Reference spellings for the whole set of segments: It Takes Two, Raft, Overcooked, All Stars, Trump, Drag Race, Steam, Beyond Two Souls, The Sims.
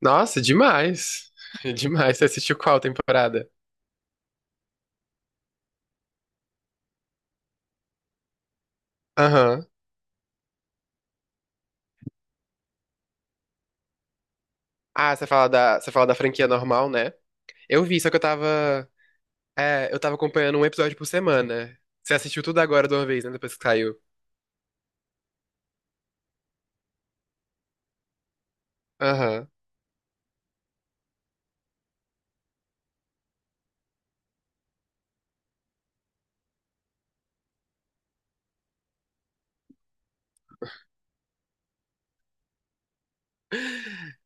Nossa, demais. Demais. Você assistiu qual temporada? Aham. Ah, você fala da franquia normal, né? Eu vi, só que eu tava. É, eu tava acompanhando um episódio por semana. Você assistiu tudo agora de uma vez, né? Depois que saiu. Aham.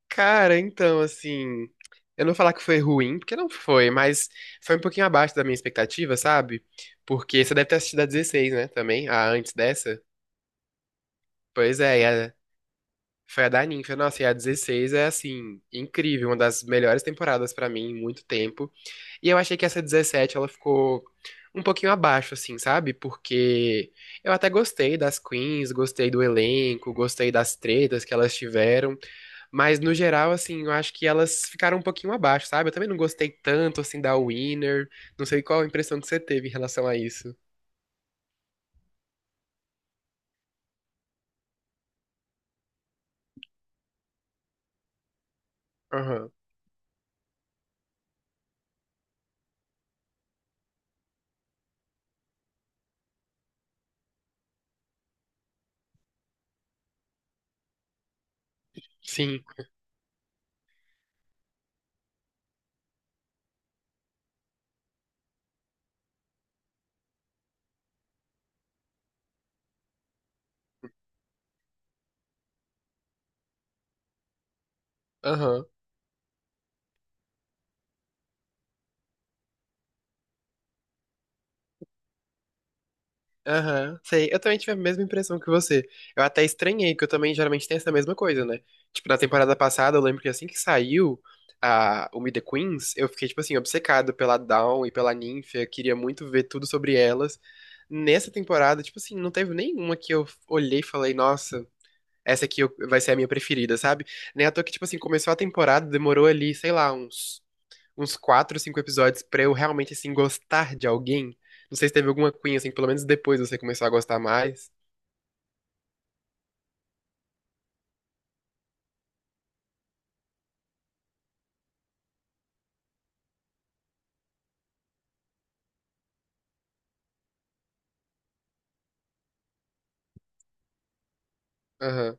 Cara, então, assim. Eu não vou falar que foi ruim, porque não foi, mas foi um pouquinho abaixo da minha expectativa, sabe? Porque você deve ter assistido a 16, né? Também, a antes dessa. Pois é, foi a da Ninfa, nossa, e a 16 é assim, incrível, uma das melhores temporadas pra mim em muito tempo. E eu achei que essa 17 ela ficou um pouquinho abaixo, assim, sabe? Porque eu até gostei das queens, gostei do elenco, gostei das tretas que elas tiveram, mas no geral, assim, eu acho que elas ficaram um pouquinho abaixo, sabe? Eu também não gostei tanto, assim, da Winner, não sei qual a impressão que você teve em relação a isso. Aham, sim, aham. Aham, sei. Eu também tive a mesma impressão que você. Eu até estranhei, que eu também geralmente tenho essa mesma coisa, né? Tipo, na temporada passada, eu lembro que assim que saiu o Meet the Queens, eu fiquei, tipo assim, obcecado pela Dawn e pela Ninfa, queria muito ver tudo sobre elas. Nessa temporada, tipo assim, não teve nenhuma que eu olhei e falei, nossa, essa aqui vai ser a minha preferida, sabe? Nem à toa que, tipo assim, começou a temporada, demorou ali, sei lá, uns quatro, cinco episódios pra eu realmente, assim, gostar de alguém. Não sei se teve alguma cunha, assim, que pelo menos depois você começou a gostar mais. Aham,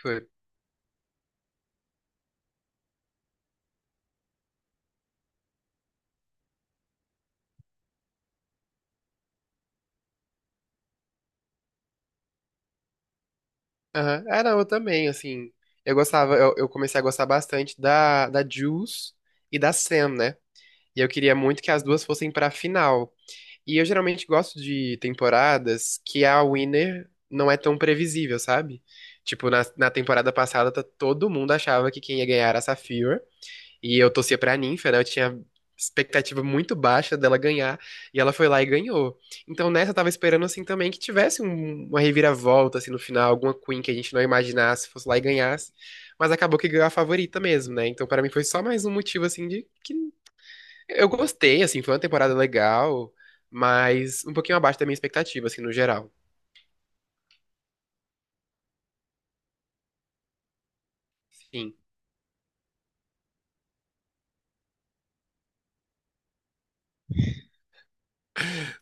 foi. Aham. Ah, não, eu também, assim. Eu comecei a gostar bastante da Jules e da Sam, né? E eu queria muito que as duas fossem pra final. E eu geralmente gosto de temporadas que a winner não é tão previsível, sabe? Tipo, na temporada passada, todo mundo achava que quem ia ganhar era a Sapphire. E eu torcia pra ninfa, né? Eu tinha expectativa muito baixa dela ganhar. E ela foi lá e ganhou. Então nessa eu tava esperando, assim, também que tivesse uma reviravolta, assim, no final. Alguma Queen que a gente não imaginasse, fosse lá e ganhasse. Mas acabou que ganhou a favorita mesmo, né? Então pra mim foi só mais um motivo, assim, de que eu gostei, assim. Foi uma temporada legal, mas um pouquinho abaixo da minha expectativa, assim, no geral. Sim.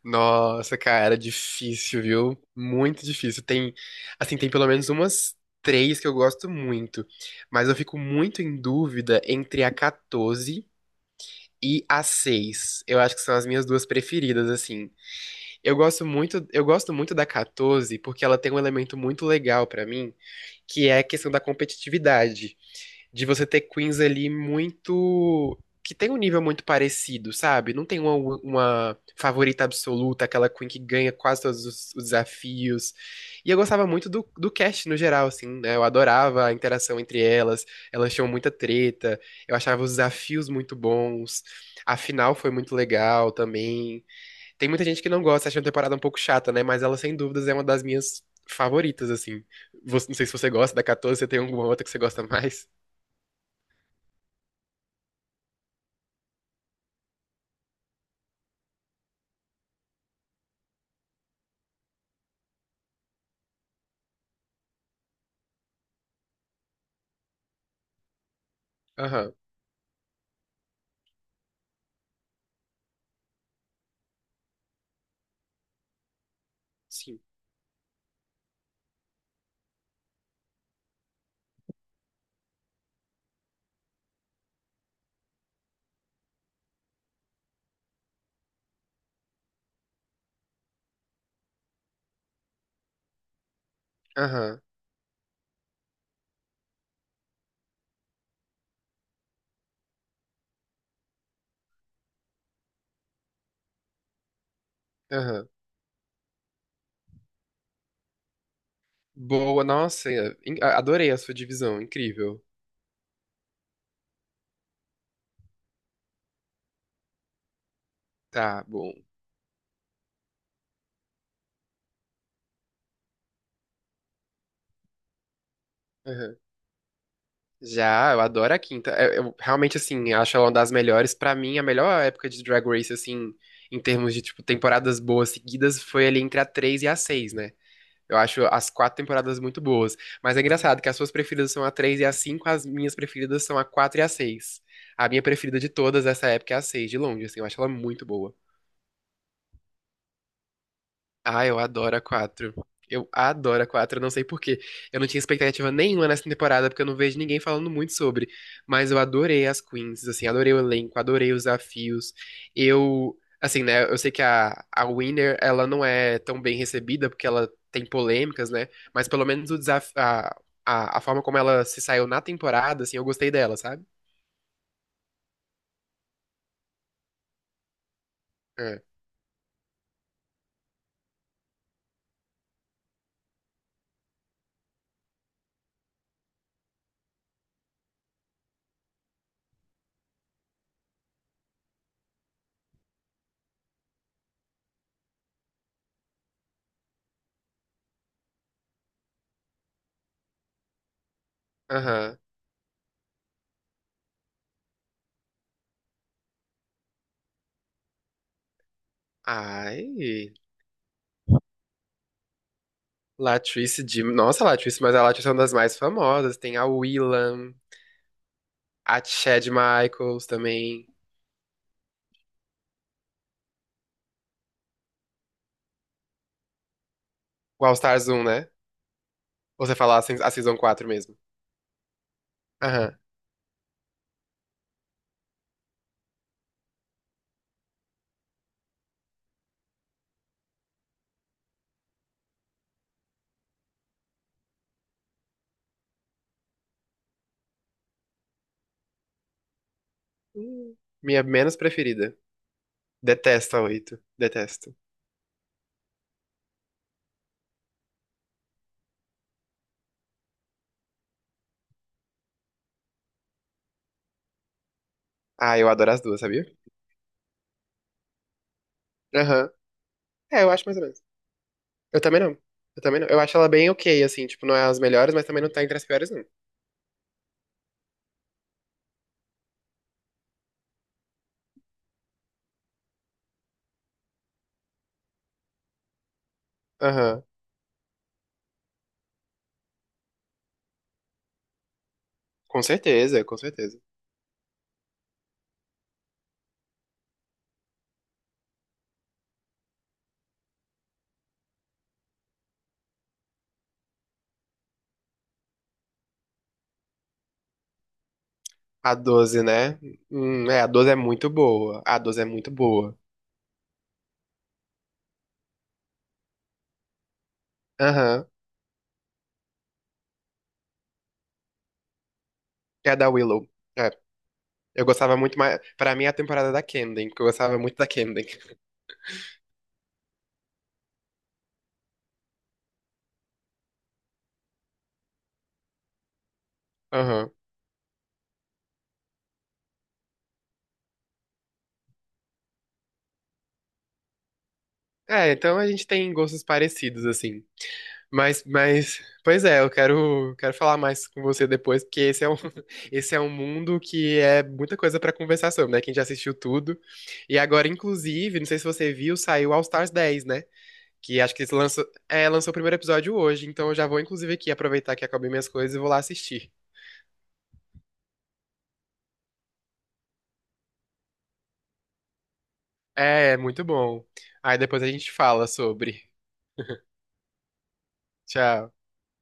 Nossa, cara, difícil, viu? Muito difícil. Tem, assim, tem pelo menos umas três que eu gosto muito, mas eu fico muito em dúvida entre a 14 e a 6. Eu acho que são as minhas duas preferidas, assim. Eu gosto muito da 14 porque ela tem um elemento muito legal pra mim, que é a questão da competitividade de você ter queens ali muito, que tem um nível muito parecido, sabe? Não tem uma favorita absoluta, aquela queen que ganha quase todos os desafios. E eu gostava muito do cast no geral, assim, né? Eu adorava a interação entre elas, elas tinham muita treta, eu achava os desafios muito bons, a final foi muito legal também. Tem muita gente que não gosta, acha a temporada um pouco chata, né? Mas ela, sem dúvidas, é uma das minhas favoritas, assim. Não sei se você gosta da 14, você tem alguma outra que você gosta mais? Aham. Sim. Aham, aham. Boa, nossa, é, adorei a sua divisão, incrível. Tá, bom. Aham. Já, eu adoro a quinta. Eu realmente, assim, acho ela uma das melhores. Pra mim, a melhor época de Drag Race, assim, em termos de, tipo, temporadas boas seguidas, foi ali entre a 3 e a seis, né? Eu acho as quatro temporadas muito boas. Mas é engraçado que as suas preferidas são a 3 e a cinco, as minhas preferidas são a 4 e a seis. A minha preferida de todas essa época é a 6 de longe, assim, eu acho ela muito boa. Ah, eu adoro a 4. Eu adoro a 4, eu não sei por quê. Eu não tinha expectativa nenhuma nessa temporada, porque eu não vejo ninguém falando muito sobre. Mas eu adorei as Queens, assim, adorei o elenco, adorei os desafios. Eu, assim, né, eu sei que a Winner, ela não é tão bem recebida, porque ela tem polêmicas, né? Mas pelo menos o desafio, a forma como ela se saiu na temporada, assim, eu gostei dela, sabe? É. Aham. Ai. Latrice de. Nossa, Latrice, mas a Latrice é uma das mais famosas. Tem a Willam. A Chad Michaels também. O All Stars um, né? Ou você fala a se- a Season 4 mesmo? Aham. Hum. Minha menos preferida. Detesto a 8, detesto. Ah, eu adoro as duas, sabia? Aham. É, eu acho mais ou menos. Eu também não. Eu também não. Eu acho ela bem ok, assim. Tipo, não é as melhores, mas também não tá entre as piores, não. Aham. Com certeza, com certeza. A 12, né? É, a 12 é muito boa. A 12 é muito boa. Aham. É a da Willow. É. Eu gostava muito mais. Pra mim, é a temporada da Camden, porque eu gostava muito da Camden. Aham. É, então a gente tem gostos parecidos, assim. Pois é, eu quero falar mais com você depois, porque esse é um, esse é um mundo que é muita coisa pra conversar sobre, né? Quem já assistiu tudo. E agora, inclusive, não sei se você viu, saiu All Stars 10, né? Que acho que eles lançou o primeiro episódio hoje, então eu já vou, inclusive, aqui aproveitar que acabei minhas coisas e vou lá assistir. É, muito bom. Aí depois a gente fala sobre. Tchau.